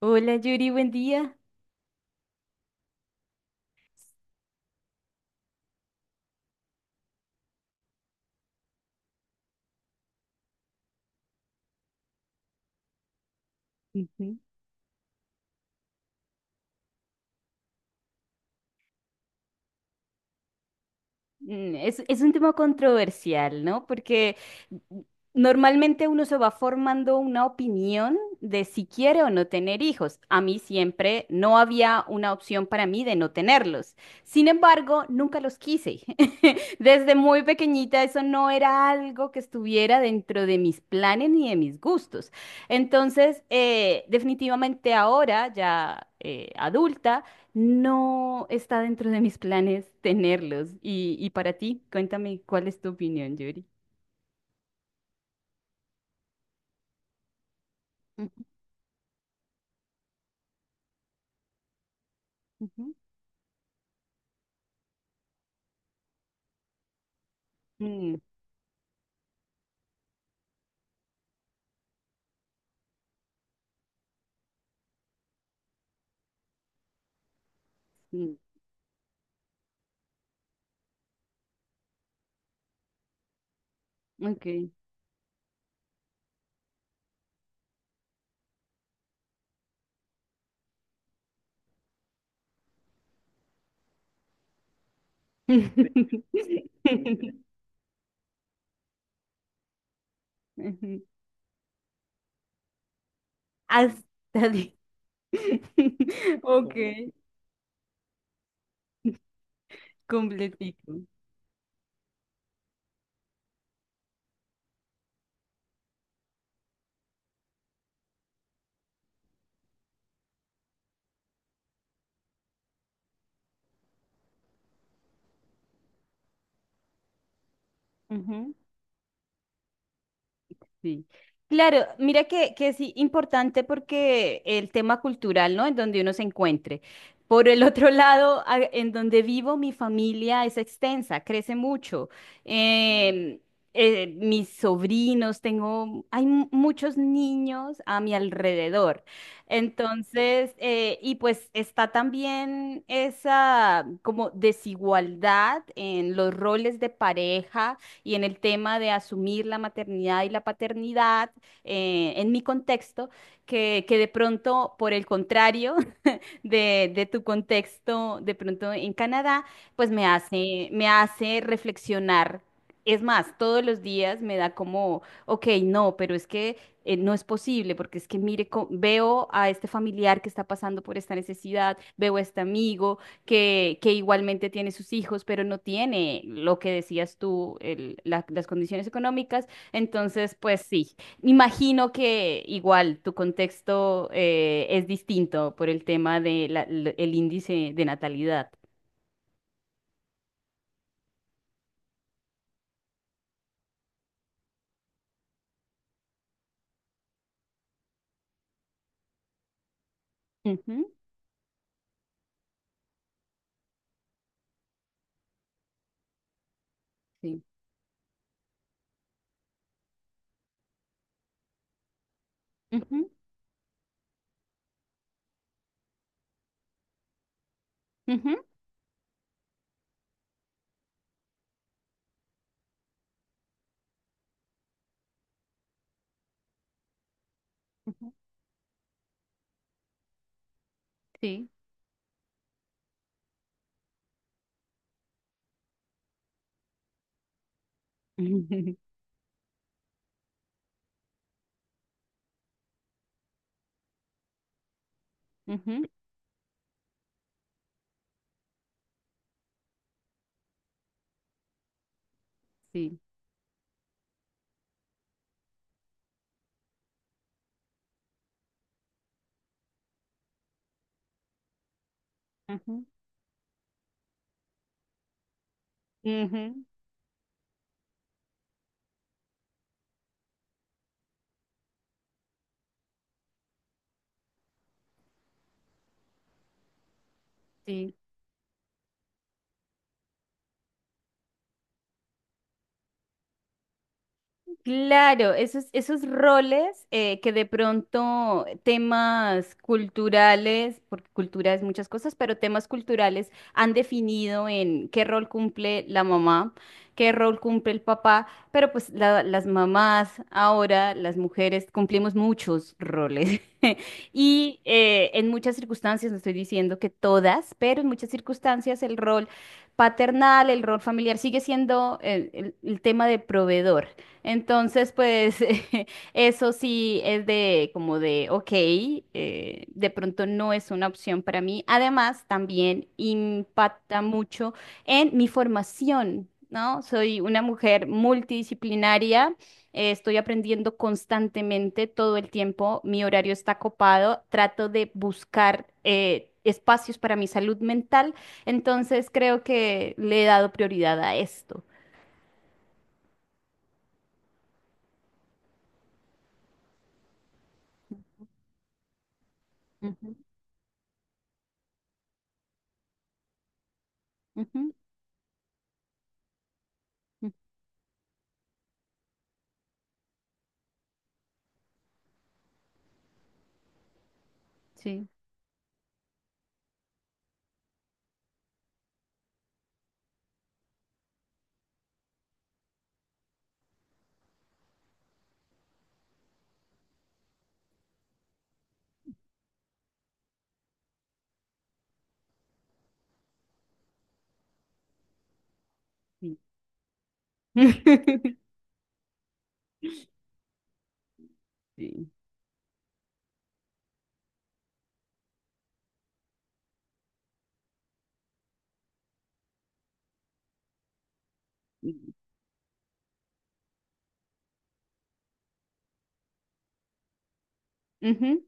Hola Yuri, buen día. Ujú. Es un tema controversial, ¿no? Porque normalmente uno se va formando una opinión de si quiere o no tener hijos. A mí siempre no había una opción para mí de no tenerlos. Sin embargo, nunca los quise. Desde muy pequeñita eso no era algo que estuviera dentro de mis planes ni de mis gustos. Entonces, definitivamente ahora, ya adulta, no está dentro de mis planes tenerlos. Y para ti, cuéntame, ¿cuál es tu opinión, Yuri? Ujú, ujú. Mm, mm, ok. Ujú. Hasta di- Ok, completico. Ujú. Sí. Claro, mira que sí, importante porque el tema cultural, ¿no? En donde uno se encuentre. Por el otro lado, a- en donde vivo, mi familia es extensa, crece mucho. Em, mis sobrinos, tengo, hay mu- muchos niños a mi alrededor. Entonces, y pues está también esa como desigualdad en los roles de pareja y en el tema de asumir la maternidad y la paternidad en mi contexto, que de pronto, por el contrario, de tu contexto de pronto en Canadá, pues me hace reflexionar. Es más, todos los días me da como, ok, no, pero es que no es posible, porque es que mire, co- veo a este familiar que está pasando por esta necesidad, veo a este amigo que igualmente tiene sus hijos, pero no tiene lo que decías tú, el- la- las condiciones económicas. Entonces, pues sí, imagino que igual tu contexto es distinto por el tema del índice de natalidad. Ujú, sí. Ujú, ujú, ujú, sí. Ujú, sí. Ujú, ujú, sí. Claro, esos roles que de pronto temas culturales, porque cultura es muchas cosas, pero temas culturales han definido en qué rol cumple la mamá, qué rol cumple el papá, pero pues la- las mamás ahora, las mujeres, cumplimos muchos roles. Y en muchas circunstancias, no estoy diciendo que todas, pero en muchas circunstancias el rol paternal, el rol familiar sigue siendo el tema de proveedor. Entonces, pues eso sí es de como de, ok, de pronto no es una opción para mí. Además, también impacta mucho en mi formación, ¿no? Soy una mujer multidisciplinaria, estoy aprendiendo constantemente todo el tiempo, mi horario está copado, trato de buscar espacios para mi salud mental, entonces creo que le he dado prioridad a esto. Ujú, ujú, ujú, sí. Sí. Sí. Ujú.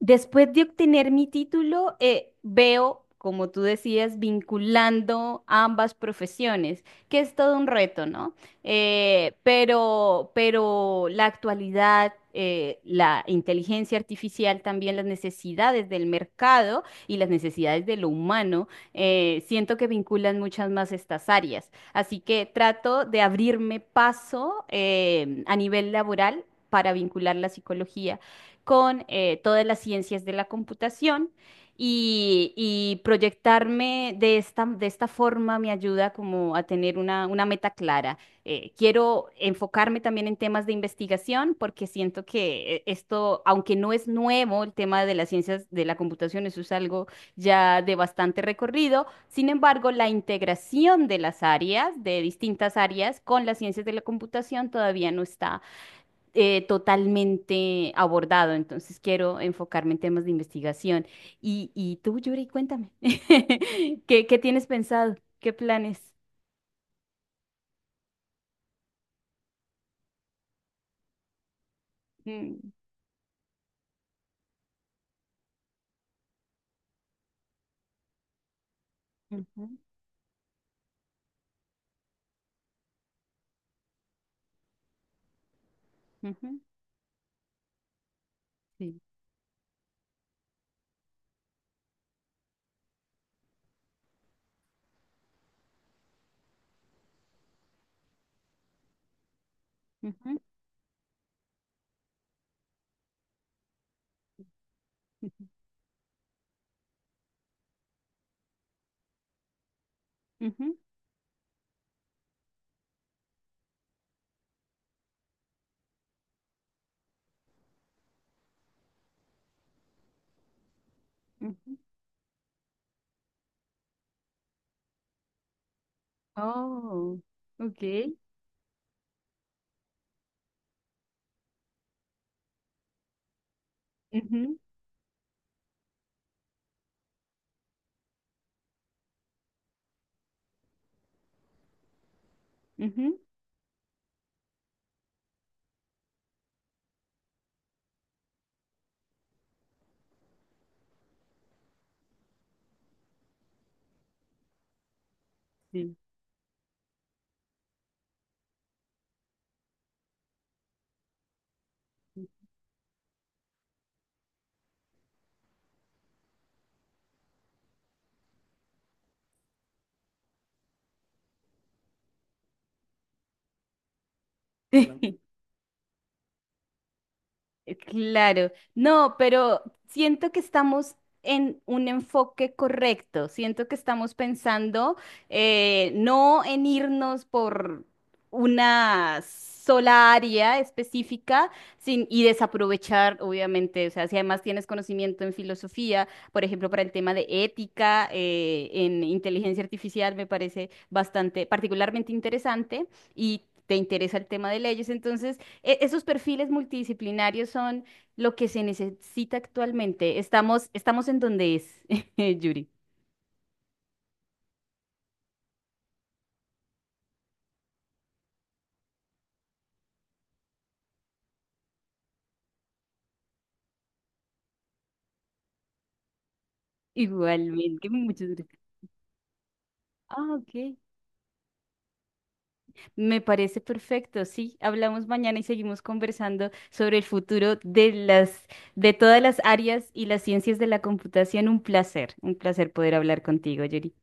Después de obtener mi título, veo, como tú decías, vinculando ambas profesiones, que es todo un reto, ¿no? Pero la actualidad, la inteligencia artificial, también las necesidades del mercado y las necesidades de lo humano, siento que vinculan muchas más estas áreas. Así que trato de abrirme paso, a nivel laboral para vincular la psicología con todas las ciencias de la computación y proyectarme de esta forma me ayuda como a tener una meta clara. Quiero enfocarme también en temas de investigación porque siento que esto, aunque no es nuevo, el tema de las ciencias de la computación, eso es algo ya de bastante recorrido. Sin embargo, la integración de las áreas, de distintas áreas con las ciencias de la computación todavía no está totalmente abordado. Entonces quiero enfocarme en temas de investigación. Y tú, Yuri, cuéntame, ¿qué tienes pensado? ¿Qué planes? Mm, ujú, ujú, sí, ujú, ujú, ujú, ujú. Oh, ok. Ujú, ujú, sí. Claro, no, pero siento que estamos en un enfoque correcto, siento que estamos pensando no en irnos por una sola área específica sin, y desaprovechar, obviamente, o sea, si además tienes conocimiento en filosofía, por ejemplo, para el tema de ética, en inteligencia artificial, me parece bastante, particularmente interesante y te interesa el tema de leyes, entonces e- esos perfiles multidisciplinarios son lo que se necesita actualmente. Estamos en donde es, Yuri. Igualmente, muchas gracias. Ah, ok. Me parece perfecto. Sí, hablamos mañana y seguimos conversando sobre el futuro de las, de todas las áreas y las ciencias de la computación. Un placer poder hablar contigo, Yuri.